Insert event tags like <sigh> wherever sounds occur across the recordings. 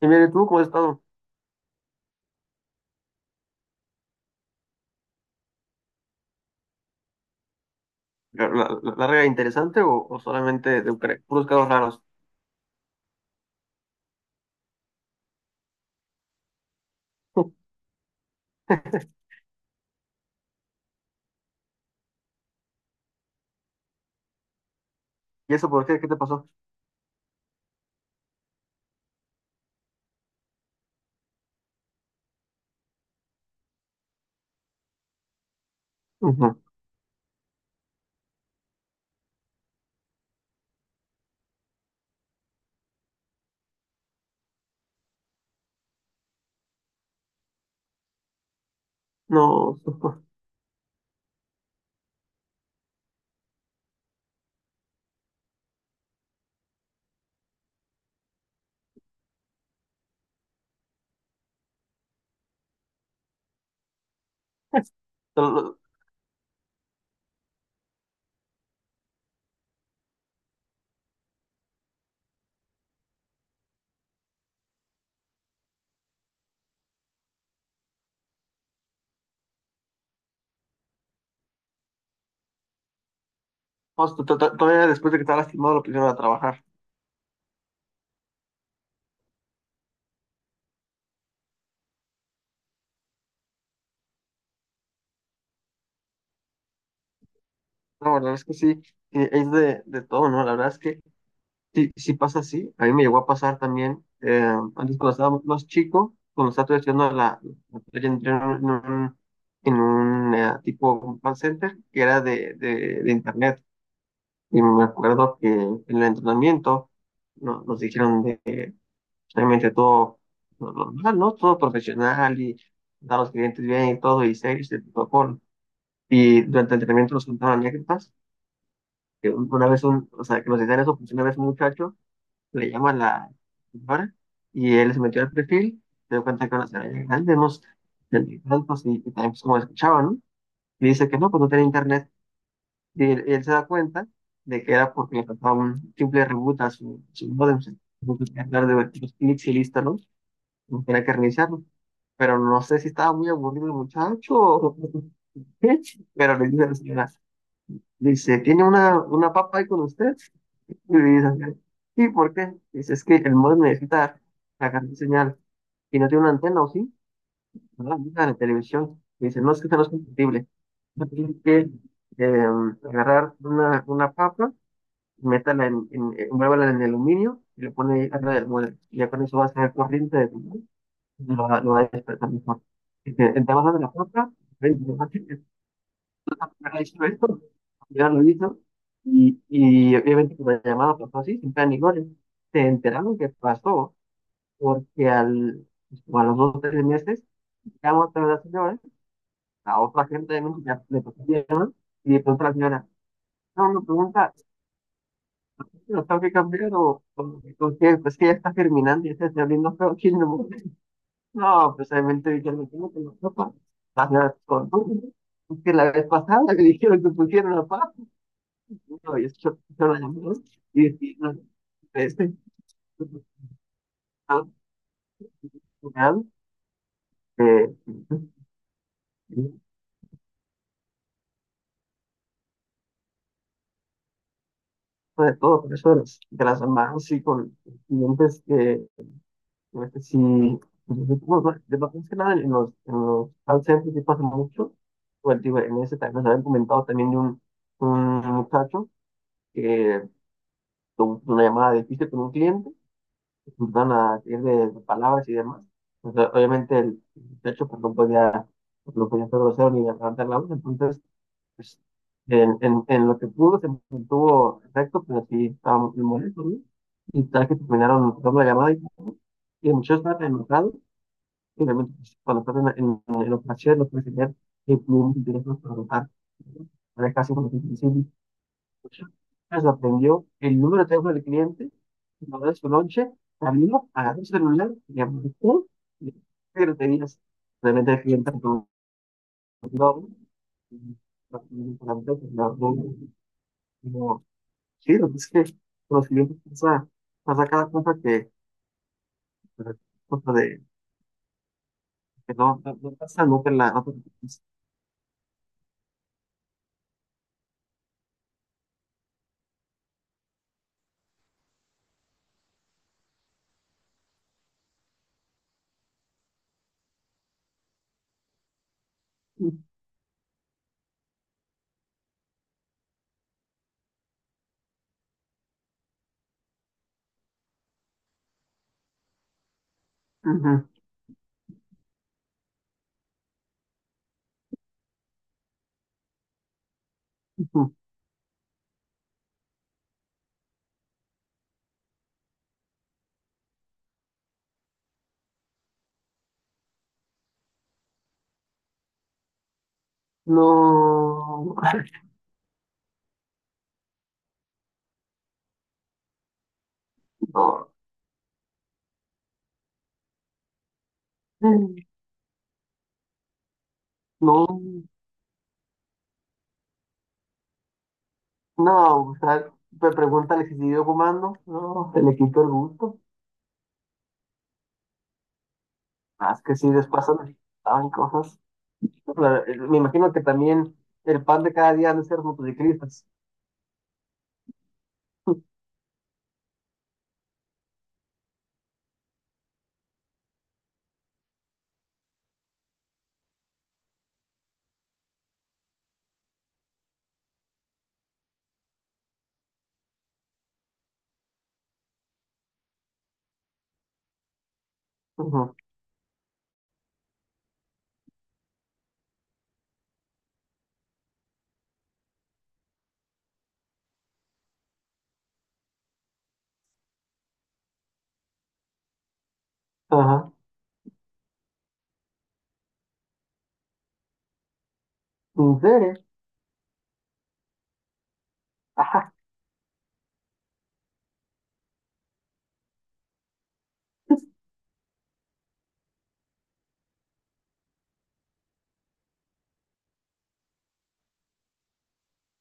Y mire, ¿tú cómo has estado? ¿La larga e interesante o solamente de Ucrania? Puros casos raros. <laughs> ¿Y eso por qué? ¿Qué te pasó? Ujú. No. <laughs> Pero vamos, todavía después de que estaba lastimado lo pusieron a trabajar. No, la verdad es que sí, es de todo, ¿no? La verdad es que sí, sí pasa así. A mí me llegó a pasar también, antes cuando estaba más chico, cuando estaba todavía estudiando la playa, entré en un, tipo call center que era de internet. Y me acuerdo que en el entrenamiento nos dijeron de que realmente todo lo normal, ¿no? Todo profesional y dar a los clientes bien y todo, y serios y protocolo. Y durante el entrenamiento nos contaban anécdotas, que una vez un, o sea, que nos decían eso, porque una vez un muchacho le llama a la señora y él se metió al perfil, se dio cuenta que era una señora ya grande, unos treinta y tantos, y también pues, como escuchaba, ¿no? Y dice que no, pues no tenía internet. Y él se da cuenta de que era porque le faltaba un simple reboot a su módem. Se tuvo que cargar de varios clics y listo, ¿no? No tenía que reiniciarlo. Pero no sé si estaba muy aburrido el muchacho o <laughs> qué. Pero le dice a la señora, dice, ¿tiene una papa ahí con usted? Y le dice, sí, ¿por qué? Dice, es que el modem necesita cargar señal. Y no tiene una antena, ¿o sí? ¿No? En la televisión y dicen, no, es que esto no es compatible. Yo que eh, agarrar una papa, métala envuélvala en el aluminio y le pone ahí arriba del mueble. Y ya con eso va a ser corriente de tu molde y lo va a despertar mejor. Y te vas a la papa, ven, te vas a decir, "Ah, hizo esto, ya lo hizo." Y obviamente con la llamada pasó así, sin plan ni goles. Se enteraron que pasó porque como a los 2 o 3 meses, llamó otra vez a la señora a otra gente de México ya le pasó bien, ¿no? Y de pronto la señora, no, me pregunta, ¿sí que lo tengo que cambiar o qué? Pues que ya está germinando y ya está abriendo feo aquí no. No, pues obviamente dijeron, me tengo que la sopa. La señora, con todo, es que la vez pasada le dijeron que pusieron la paz. No, y escuchó la llamada y dije, no, este, ah, final, eh, de todo, por eso de de las mamás y con clientes que... sí, pues, bueno, bueno, de más que nada en en los call centers sí pasa mucho. Bueno, digo, en ese también nos habían comentado también de un muchacho que tuvo una llamada difícil con un cliente, que se empezaron a ir de palabras y demás. O sea, obviamente el muchacho pues, no podía ser grosero ni levantar la voz, entonces pues, en lo que pudo se mantuvo recto, pero sí estaba muy molesto, ¿no? Y tal que terminaron cortando la llamada y el muchacho estaba enojado. Y realmente, pues, cuando estás en operaciones, no puedes tener que clientes teléfono para votar. Ahora es casi como que imposible. Se aprendió el número de teléfono del cliente, lo de su lonche, salió, agarró su celular, le marcó, y pero tenías realmente el cliente reconoció, y la empresa, la reunión, como, sí, lo que es que con los clientes pasa cada cosa que, cosa de, que no, no, no pasa nunca en la. Ujú. No, <laughs> no, no, no, o sea, me preguntan si siguió fumando, no, se le quitó el gusto, más que sí, después saben cosas. Pero, me imagino que también el pan de cada día han de ser motociclistas. <laughs> Ujú. Ajá. ¿En serio? Ajá,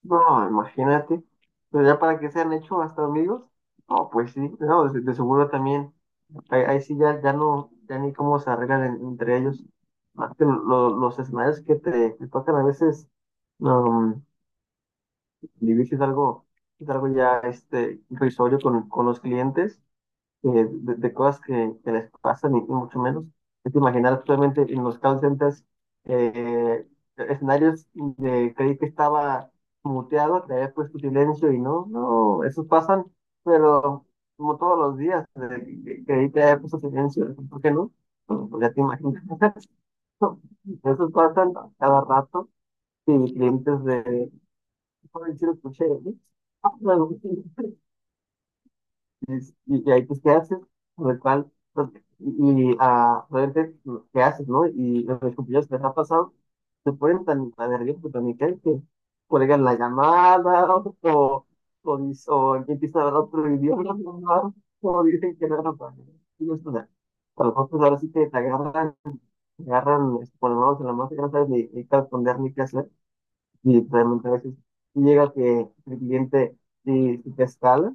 no, imagínate, pero ya para que se han hecho hasta amigos, no, pues sí, no, de seguro también. Ahí, ahí sí ya, ya no, ya ni cómo se arreglan entre ellos. Más que los escenarios que te, que tocan a veces, um, vivir es algo, ya irrisorio con los clientes de cosas que les pasan y mucho menos. Es imaginar actualmente en los call centers eh, escenarios de creí que estaba muteado, que había puesto silencio y no, no, esos pasan, pero como todos los días, de creí que había puesto silencio, ¿por qué no? Bueno, pues ya te imaginas. <laughs> Esos pasan cada rato y clientes de, "Ay, sí lo escuché, ¿eh?" Ah, bueno. <laughs> Y que ahí pues qué haces, sobre cuál, y realmente qué haces, ¿no? Y los compañeros que les ha pasado se ponen tan, tan nerviosos, tan intensos, que cuelgan la llamada <laughs> o, o, o empiezan a hablar otro idioma, <laughs> ¿no? O dicen que no era para ellos. Y esto, o sea, a los otros ahora sí que te agarran, con las manos en la masa, que no sabes ni qué responder ni qué hacer, y realmente a veces llega que el cliente y te escala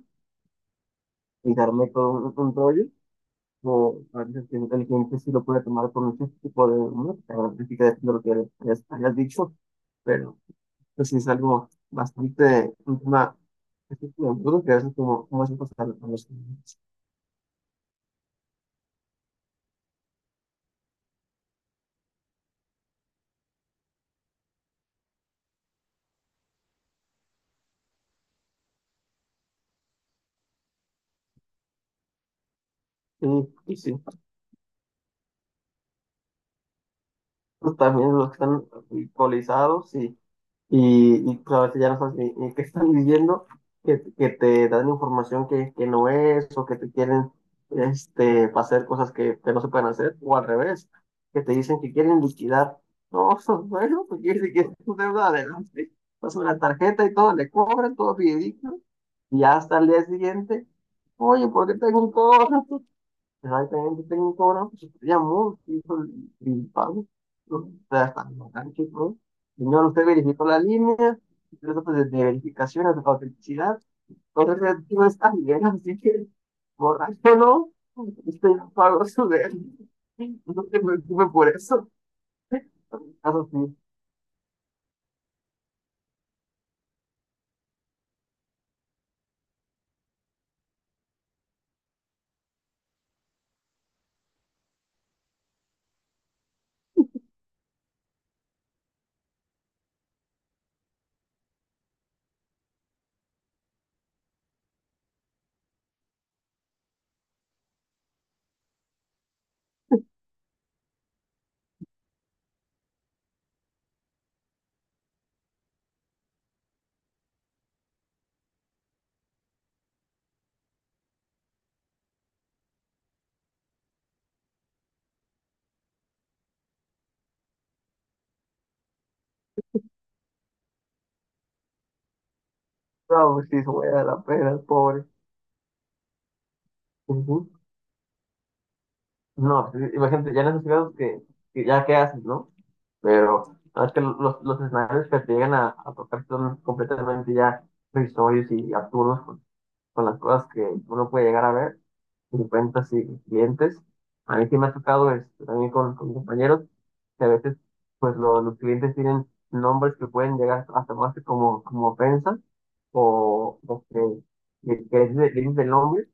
y te arme con un rollo o a veces que el cliente sí lo puede tomar por muchos tipo de música, música depende de lo que hayas dicho, pero pues sí es algo bastante, un tema bastante duro que a veces como es pasar a los clientes. Y sí, pues también los que están alcoholizados y pues, a ya no sabes ni qué están viviendo, que te dan información que no es, o que te quieren hacer cosas que no se pueden hacer, o al revés, que te dicen que quieren liquidar. No, <laughs> bueno, pues quiere decir que es tu deuda adelante, pasan la tarjeta y todo, le cobran, todo fidedigno, y hasta el día siguiente, oye, ¿por qué tengo un cobro? Exactamente, tengo como una filosofía muy principal. ¿No? O sea, hasta el bastante, ¿no? Señor, usted verificó la línea, incluso pues, desde verificaciones de autenticidad. Entonces, no está bien, así que borráchelo. Usted ya pagó su de. No se preocupe por eso. Caso sí, no, pues sí, se voy a dar la pena, el pobre. Ujú. No, sí, imagínate, ya en esos casos que ya qué haces, ¿no? Pero no, es que los escenarios que te llegan a tocar son completamente ya risorios y absurdos con las cosas que uno puede llegar a ver, en cuentas y clientes. A mí sí me ha tocado también con compañeros que a veces pues los clientes tienen nombres que pueden llegar a tomarse como ofensa o que dices, el nombre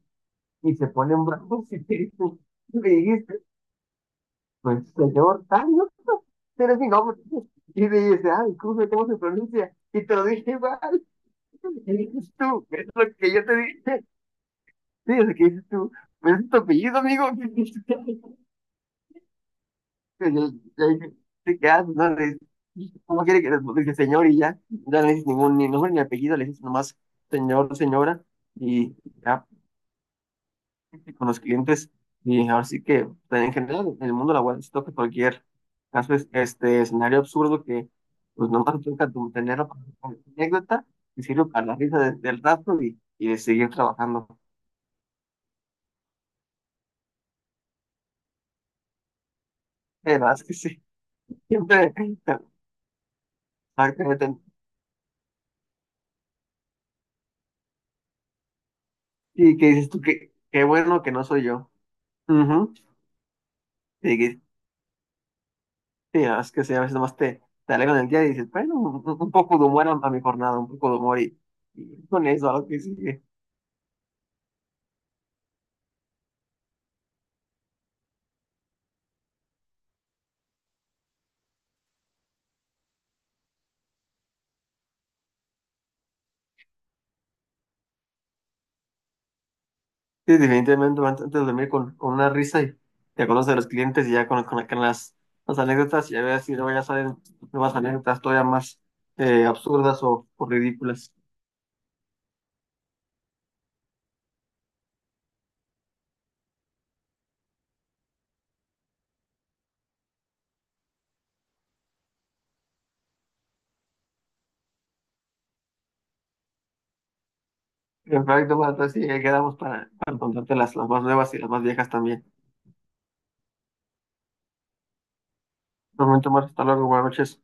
y se ponen bravos y <laughs> te dicen, me dijiste pues, señor, ay, no, no, pero es mi nombre. Y me dice, ay, ¿cómo se pronuncia? Y te lo dije mal. Y dices tú, es lo que yo te dije. Sí, es lo que dices tú. Pero es tu apellido, amigo. <laughs> Y yo dije, te quedas, no le dices, ¿cómo quiere que le dice señor? Y ya, ya no le dices ningún ni nombre ni apellido, le dices nomás señor, señora. Y ya, con los clientes y ahora sí que pues, en general en el mundo laboral siento que cualquier caso es este escenario absurdo que pues nomás te toca tenerlo como anécdota y sirve para la risa del rato y de seguir trabajando. La verdad es que sí, siempre exactamente. Y que dices tú que qué bueno que no soy yo. Ujú. Y que, sí, la verdad es que sí, a veces nomás te alegran el día y dices, bueno, un poco de humor a mi jornada, un poco de humor y con eso a lo que sigue. Sí, definitivamente antes de dormir con una risa y te acuerdas de los clientes y ya con las anécdotas y a ver si luego ya salen nuevas anécdotas todavía más absurdas o ridículas. Perfecto, bueno, entonces sí, ahí quedamos para contarte las más nuevas y las más viejas también. Un momento más, hasta luego, buenas noches.